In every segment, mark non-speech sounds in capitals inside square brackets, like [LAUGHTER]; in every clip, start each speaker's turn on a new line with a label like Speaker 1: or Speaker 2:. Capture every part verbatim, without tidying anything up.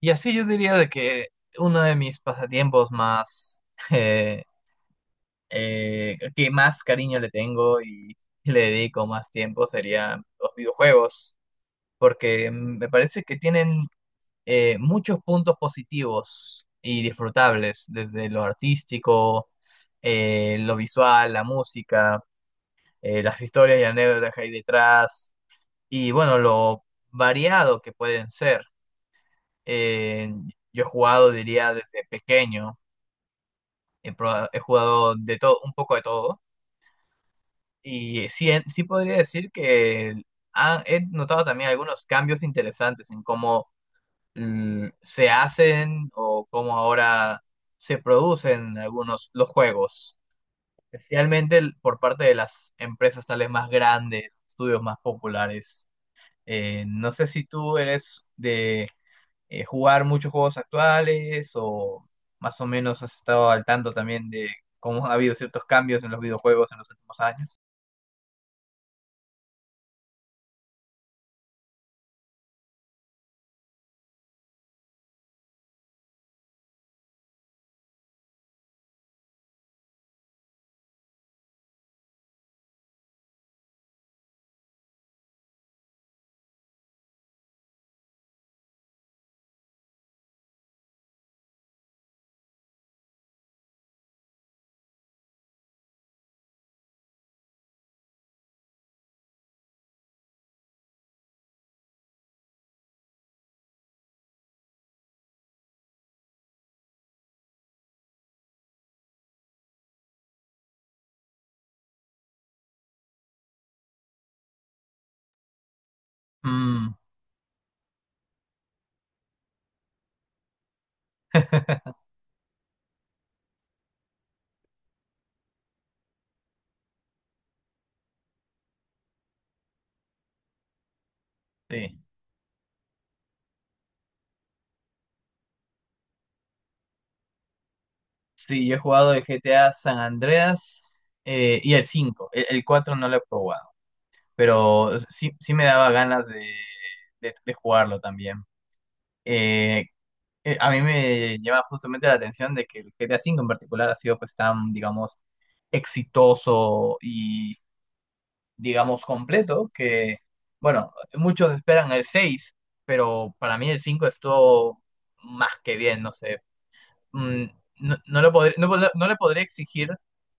Speaker 1: Y así yo diría de que uno de mis pasatiempos más, [LAUGHS] eh, eh, que más cariño le tengo y le dedico más tiempo serían los videojuegos, porque mm, me parece que tienen eh, muchos puntos positivos y disfrutables, desde lo artístico, eh, lo visual, la música, eh, las historias y anécdotas que hay detrás, y bueno, lo variado que pueden ser. Eh, yo he jugado, diría, desde pequeño. He, proba- he jugado de todo, un poco de todo. Y sí, he- sí podría decir que ha- he notado también algunos cambios interesantes en cómo mm, se hacen o cómo ahora se producen algunos los juegos. Especialmente el- por parte de las empresas tal vez más grandes, estudios más populares. Eh, no sé si tú eres de eh, jugar muchos juegos actuales o más o menos has estado al tanto también de cómo ha habido ciertos cambios en los videojuegos en los últimos años? Mm, [LAUGHS] sí. Sí, yo he jugado el G T A San Andreas eh, y el cinco. El, el cuatro no lo he probado, pero sí, sí me daba ganas de, de- de jugarlo también. Eh, eh, a mí me llama justamente la atención de que el G T A cinco en particular ha sido, pues, tan, digamos, exitoso y, digamos, completo, que, bueno, muchos esperan el seis, pero para mí el cinco estuvo más que bien, no sé. Mm, no, no lo podré- no, podré- no le podría exigir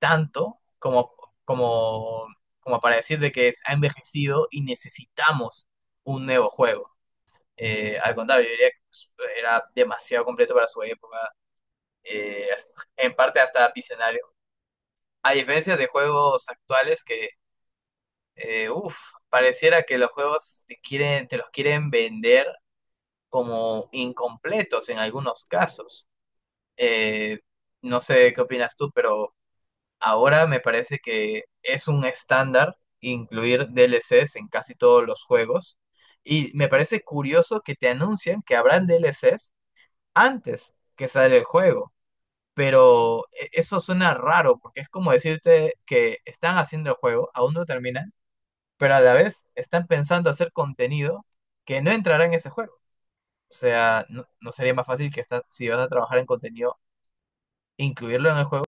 Speaker 1: tanto como, como, como para decir de que es- ha envejecido y necesitamos un nuevo juego. Eh, al contrario, yo diría que, pues, era demasiado completo para su época, eh, en parte hasta visionario. A diferencia de juegos actuales que... Eh, uf, pareciera que los juegos te quieren, te los quieren vender como incompletos en algunos casos. Eh, no sé qué opinas tú, pero ahora me parece que es un estándar incluir D L Cs en casi todos los juegos. Y me parece curioso que te anuncien que habrán D L Cs antes que sale el juego. Pero e- eso suena raro, porque es como decirte que están haciendo el juego, aún no terminan, pero a la vez están pensando hacer contenido que no entrará en ese juego. O sea, no, no sería más fácil que está, si vas a trabajar en contenido, incluirlo en el juego.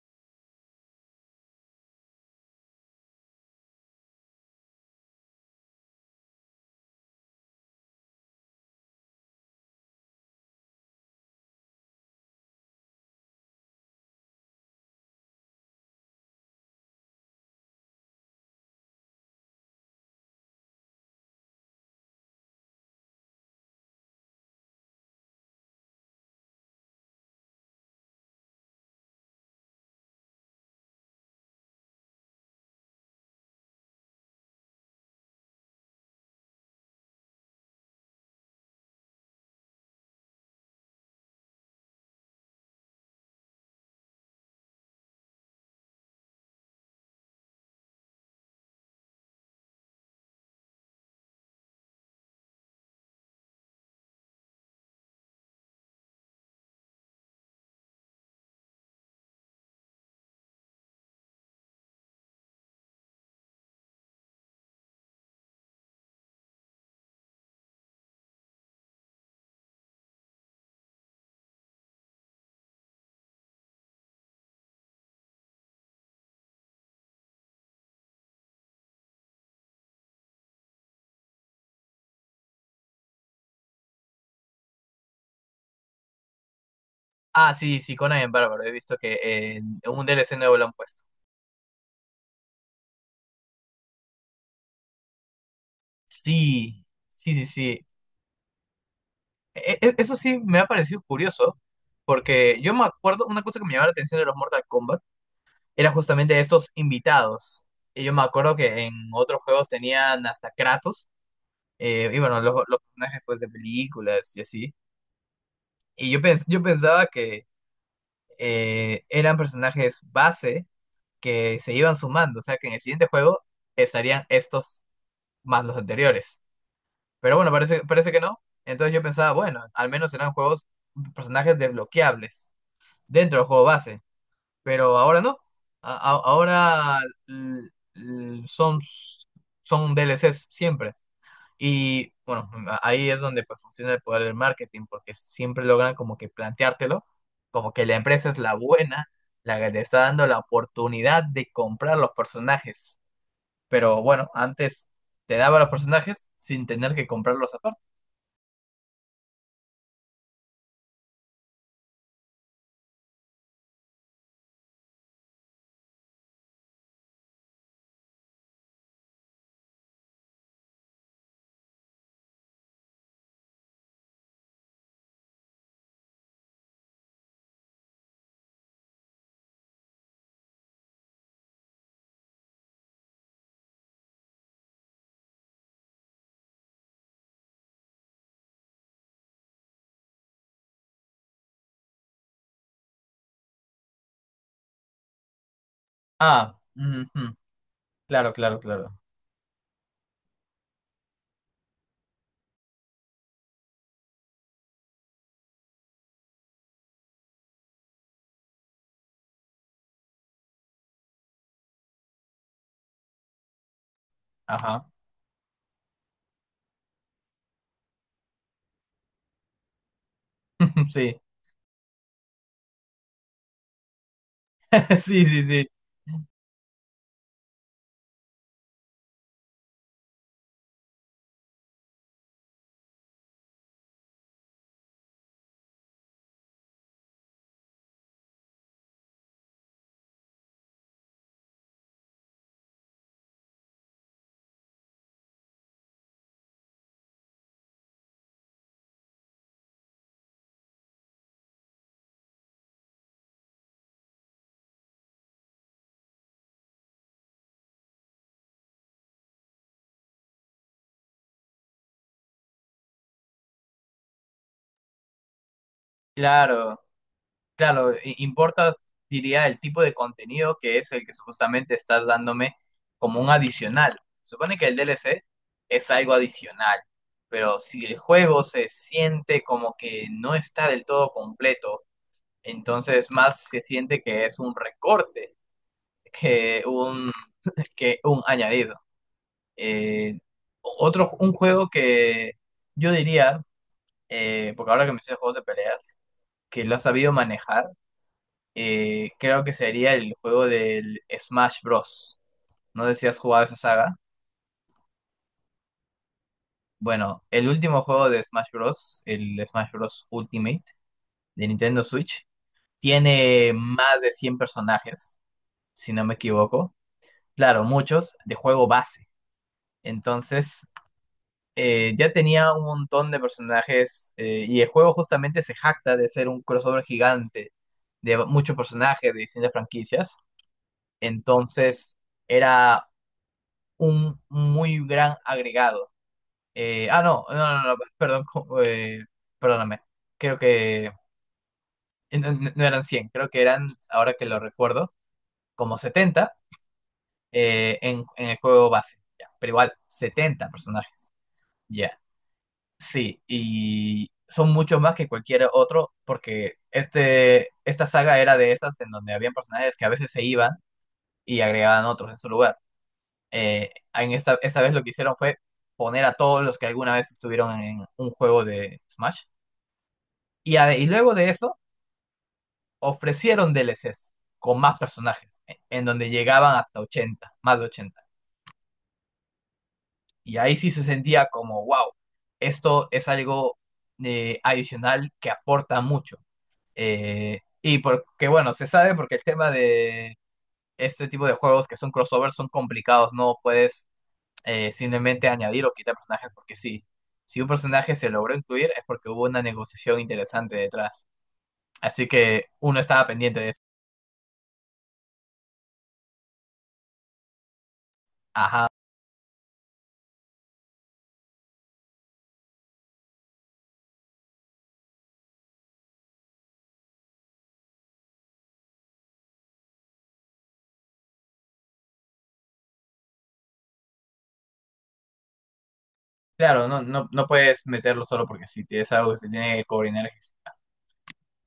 Speaker 1: Ah, sí, sí, Conan en Bárbaro, he visto que en un D L C nuevo lo han puesto. Sí, sí, sí, sí. E- e- e, eso sí me ha parecido curioso, porque yo me acuerdo, una cosa que me llamaba la atención de los Mortal Kombat era justamente estos invitados. Y yo me acuerdo que en otros juegos tenían hasta Kratos, eh, y bueno, los, los personajes, pues, de películas y así. Y yo, pens- yo pensaba que eh, eran personajes base que se iban sumando, o sea que en el siguiente juego estarían estos más los anteriores. Pero bueno, parece, parece que no. Entonces yo pensaba, bueno, al menos eran juegos, personajes desbloqueables dentro del juego base. Pero ahora no. A- a- ahora l- l- son, son D L Cs siempre. Y bueno, ahí es donde, pues, funciona el poder del marketing, porque siempre logran como que planteártelo, como que la empresa es la buena, la que te está dando la oportunidad de comprar los personajes. Pero bueno, antes te daba los personajes sin tener que comprarlos aparte. Ah, ujú. Claro, claro, claro. Ajá. [LAUGHS] Sí. [LAUGHS] Sí, sí, sí. Claro. Claro, i- importa, diría, el tipo de contenido que es el que supuestamente estás dándome como un adicional. Supone que el D L C es algo adicional, pero si el juego se siente como que no está del todo completo, entonces más se siente que es un recorte que un, que un añadido. Eh, otro, un juego que yo diría, eh, porque ahora que me hice juegos de peleas, que lo ha sabido manejar, eh, creo que sería el juego del Smash Bros. No sé si has jugado esa saga. Bueno, el último juego de Smash Bros., el Smash Bros. Ultimate de Nintendo Switch, tiene más de cien personajes, si no me equivoco. Claro, muchos de juego base. Entonces, eh, ya tenía un montón de personajes, eh, y el juego justamente se jacta de ser un crossover gigante de muchos personajes de distintas franquicias. Entonces, era un muy gran agregado. Eh, ah, no, no, no, no, perdón, co- eh, perdóname. Creo que eh, no, no- no eran cien, creo que eran, ahora que lo recuerdo, como setenta eh, en, en el juego base. Ya. Pero igual, setenta personajes. Ya, sí, y son muchos más que cualquier otro, porque este, esta saga era de esas en donde habían personajes que a veces se iban y agregaban otros en su lugar. eh, en esta, esta vez lo que hicieron fue poner a todos los que alguna vez estuvieron en un juego de Smash. Y, a- y luego de eso, ofrecieron D L Cs con más personajes, en en donde llegaban hasta ochenta, más de ochenta. Y ahí sí se sentía como, wow, esto es algo eh, adicional que aporta mucho. Eh, y porque, bueno, se sabe porque el tema de este tipo de juegos que son crossovers son complicados, no puedes eh, simplemente añadir o quitar personajes porque sí. Si un personaje se logró incluir es porque hubo una negociación interesante detrás. Así que uno estaba pendiente de eso. Ajá. Claro, no, no, no puedes meterlo solo porque sí, es algo que se tiene que coordinar.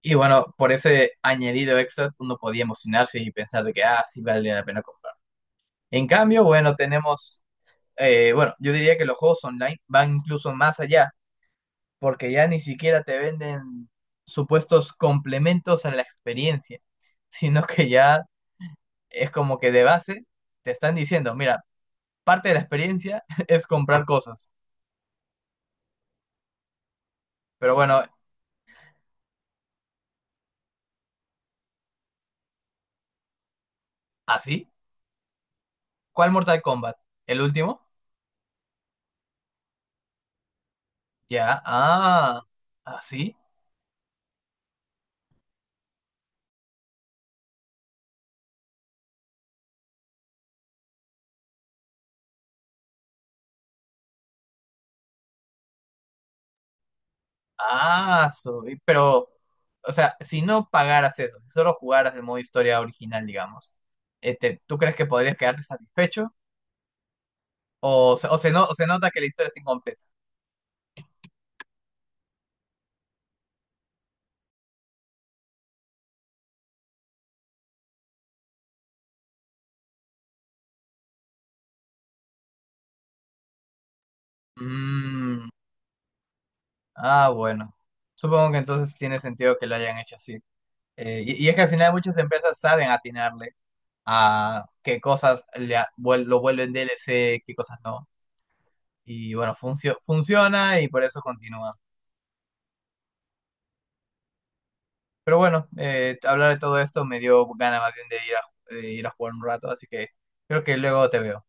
Speaker 1: Y bueno, por ese añadido extra uno podía emocionarse y pensar de que, ah, sí, vale la pena comprar. En cambio, bueno, tenemos, eh, bueno, yo diría que los juegos online van incluso más allá porque ya ni siquiera te venden supuestos complementos a la experiencia, [LAUGHS] sino que ya es como que de base te están diciendo, mira, parte de la experiencia [LAUGHS] es comprar cosas. Pero bueno, ¿así? ¿Cuál Mortal Kombat? ¿El último? Ya, ah, así. Ah, soy- pero, o sea, si no pagaras eso, si solo jugaras el modo historia original, digamos, este, ¿tú crees que podrías quedarte satisfecho? ¿O, se- o, se, no, o se nota que la historia es incompleta? Mm. Ah, bueno. Supongo que entonces tiene sentido que lo hayan hecho así. Eh, y, y es que al final muchas empresas saben atinarle a qué cosas le a- vuel- lo vuelven D L C, qué cosas no. Y bueno, funcio- funciona y por eso continúa. Pero bueno, eh, hablar de todo esto me dio ganas más bien de ir a, de ir a, jugar un rato, así que creo que luego te veo.